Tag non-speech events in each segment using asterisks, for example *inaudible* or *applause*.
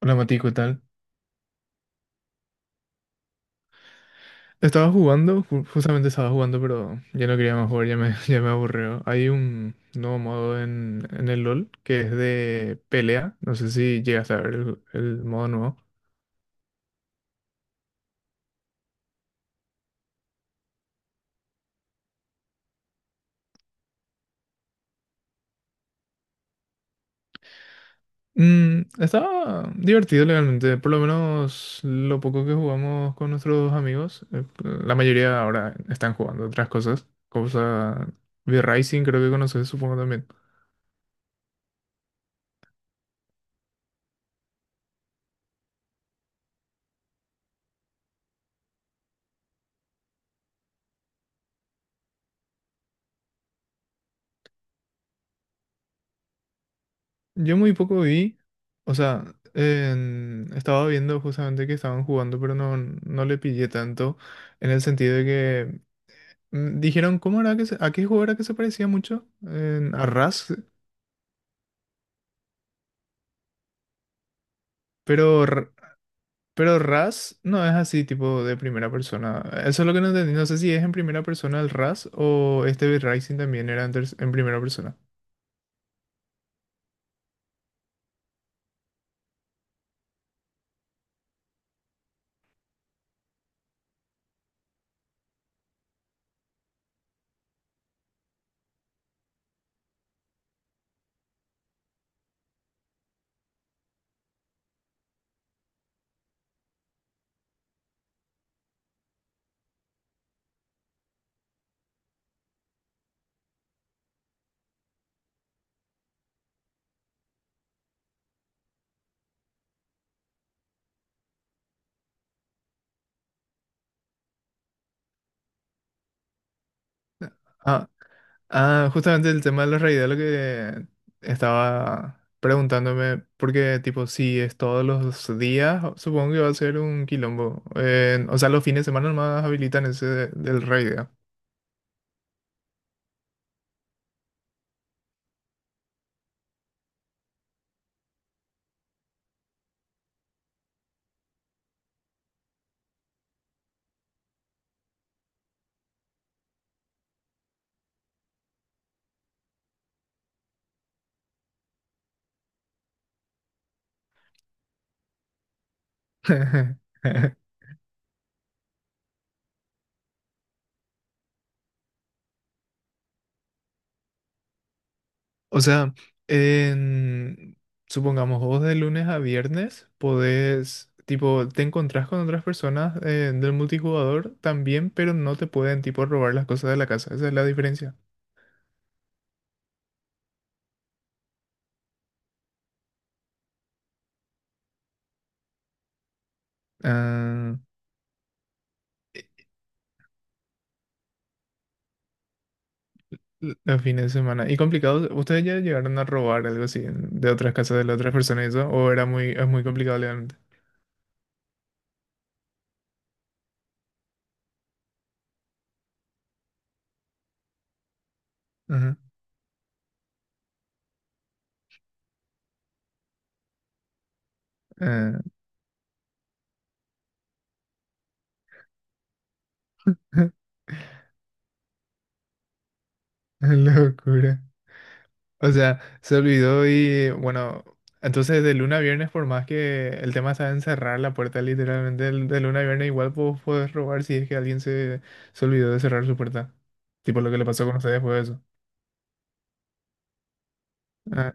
Hola Mati, ¿qué tal? Estaba jugando, justamente estaba jugando, pero ya no quería más jugar, *laughs* ya me aburrió. Hay un nuevo modo en el LOL que es de pelea. No sé si llegas a ver el modo nuevo. Mm, estaba divertido legalmente, por lo menos lo poco que jugamos con nuestros amigos. La mayoría ahora están jugando otras cosas. Cosa V-Rising, creo que conoces, supongo también. Yo muy poco vi, o sea, estaba viendo justamente que estaban jugando, pero no le pillé tanto, en el sentido de que dijeron, ¿cómo era que a qué juego era que se parecía mucho? A Rust, pero, pero Rust no es así, tipo de primera persona. Eso es lo que no entendí, no sé si es en primera persona el Rust o este Dead Rising también era en primera persona. Ah, justamente el tema de los reyes, lo que estaba preguntándome, porque tipo, si es todos los días, supongo que va a ser un quilombo. O sea, los fines de semana nomás habilitan ese del rey. *laughs* O sea, en- supongamos vos de lunes a viernes podés, tipo, te encontrás con otras personas del multijugador también, pero no te pueden, tipo, robar las cosas de la casa. Esa es la diferencia. Ah, los fines de semana. ¿Y complicados? ¿Ustedes ya llegaron a robar algo así de otras casas de las otras personas y eso? ¿O era es muy complicado legalmente? Ajá. Ah, *laughs* locura. O sea, se olvidó y bueno, entonces de luna a viernes, por más que el tema está en cerrar la puerta literalmente, de luna a viernes igual vos podés robar si es que alguien se olvidó de cerrar su puerta. Tipo lo que le pasó con ustedes fue eso. Ah,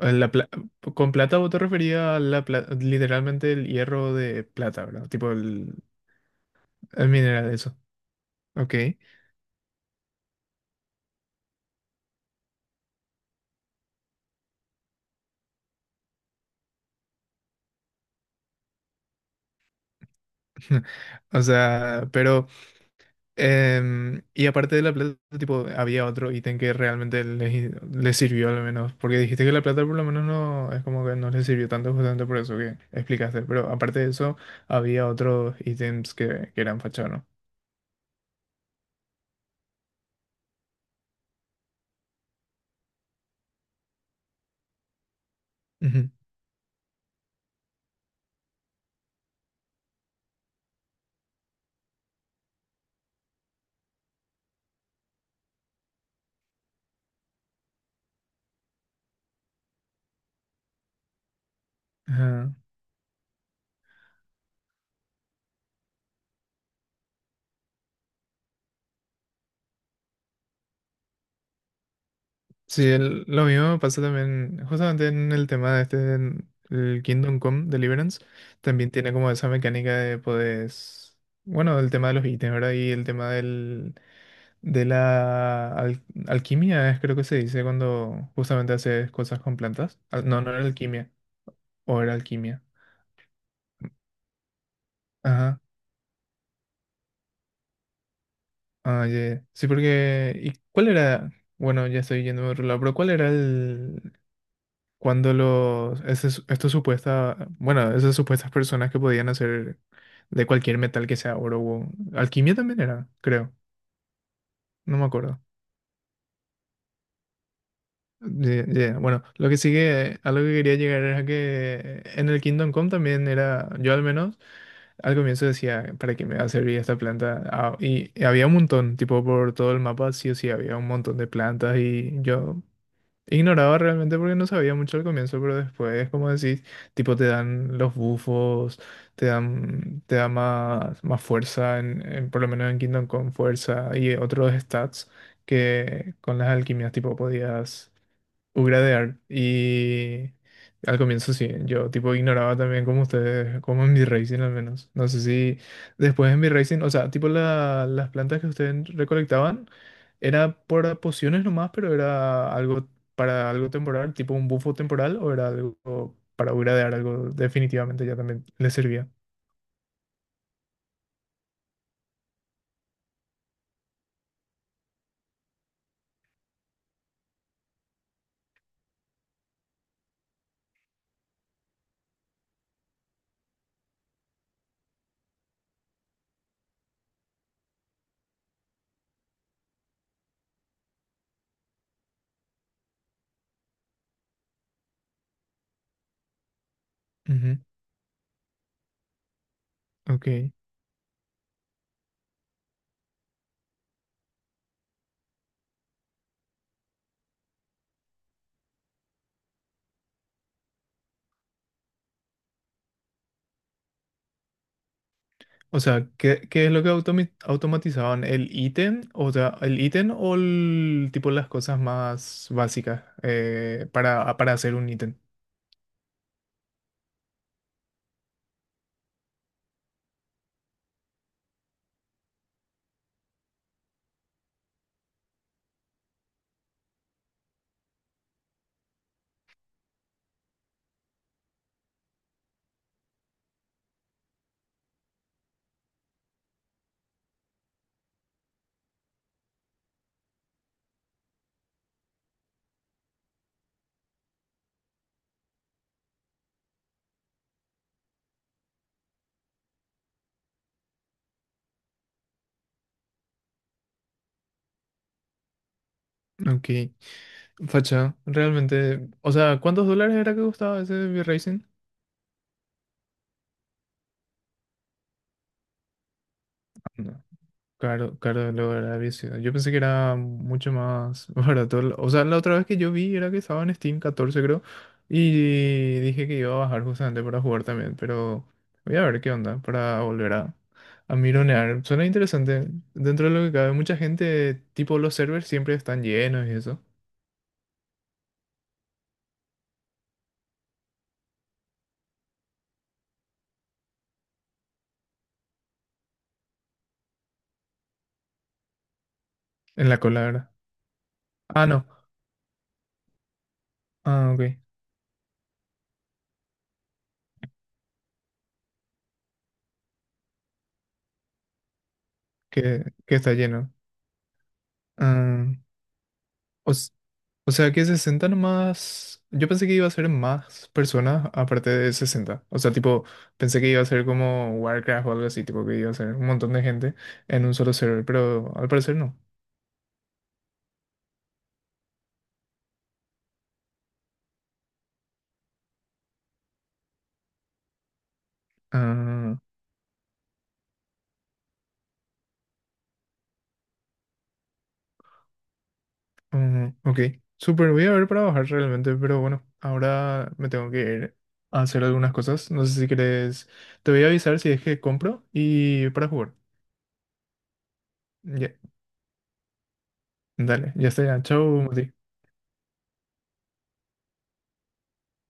eh, la pla- con plata vos te referías a la literalmente el hierro de plata, ¿verdad? Tipo el… Ah, mira, era de eso. Ok. *laughs* O sea, pero… Y aparte de la plata, tipo, había otro ítem que realmente les sirvió al menos. Porque dijiste que la plata por lo menos no. Es como que no les sirvió tanto, justamente por eso que explicaste. Pero aparte de eso, había otros ítems que eran fachados, ¿no? Ujú. Sí, lo mismo me pasó también, justamente en el tema de este, en el Kingdom Come Deliverance, también tiene como esa mecánica de poderes, bueno, el tema de los ítems, ¿verdad? Y el tema del, de la al- alquimia, es creo que se dice cuando justamente haces cosas con plantas. No, no era alquimia, o era alquimia. Ajá, ah, ya, ya. Sí, porque, ¿y cuál era? Bueno, ya estoy yendo a otro lado, pero ¿cuál era el, cuando los, ese estos supuestas, bueno, esas supuestas personas que podían hacer de cualquier metal que sea oro o alquimia también era, creo, no me acuerdo. Bueno, lo que sigue, a lo que quería llegar era que en el Kingdom Come también era, yo al menos, al comienzo decía, ¿para qué me va a servir esta planta? Ah, y había un montón, tipo por todo el mapa, sí o sí, había un montón de plantas y yo ignoraba realmente porque no sabía mucho al comienzo, pero después, como decís, tipo te dan los bufos, te da más fuerza, por lo menos en Kingdom con fuerza y otros stats que con las alquimias tipo podías ugradear. Y al comienzo sí, yo tipo ignoraba también como ustedes, como en B-Racing al menos. No sé si después en B-Racing, o sea, tipo las plantas que ustedes recolectaban, era por pociones nomás, pero era algo para algo temporal, tipo un bufo temporal, o era algo para ugradear, algo definitivamente ya también les servía. Ujú, ok. O sea, ¿qué, qué es lo que automatizaban? ¿El ítem? O sea, ¿el ítem o el tipo las cosas más básicas para hacer un ítem? Ok, facha, realmente. O sea, ¿cuántos dólares era que costaba ese V-Racing? Caro, caro de lograr había sido. Yo pensé que era mucho más *laughs* barato. O sea, la otra vez que yo vi era que estaba en Steam 14, creo. Y dije que iba a bajar justamente para jugar también. Pero voy a ver qué onda para volver a mironear. Suena interesante. Dentro de lo que cabe, mucha gente, tipo los servers, siempre están llenos y eso. En la cola, ¿verdad? Ah, no. Ah, ok. Que está lleno. Ah, o s- o sea que 60 nomás. Yo pensé que iba a ser más personas aparte de 60. O sea, tipo, pensé que iba a ser como Warcraft o algo así, tipo que iba a ser un montón de gente en un solo server, pero al parecer no. Ah, mm, ok. Súper, voy a ver para bajar realmente, pero bueno, ahora me tengo que ir a hacer algunas cosas. No sé si querés. Te voy a avisar si es que compro y para jugar. Ya, dale, ya está, ya. Chau, Mati.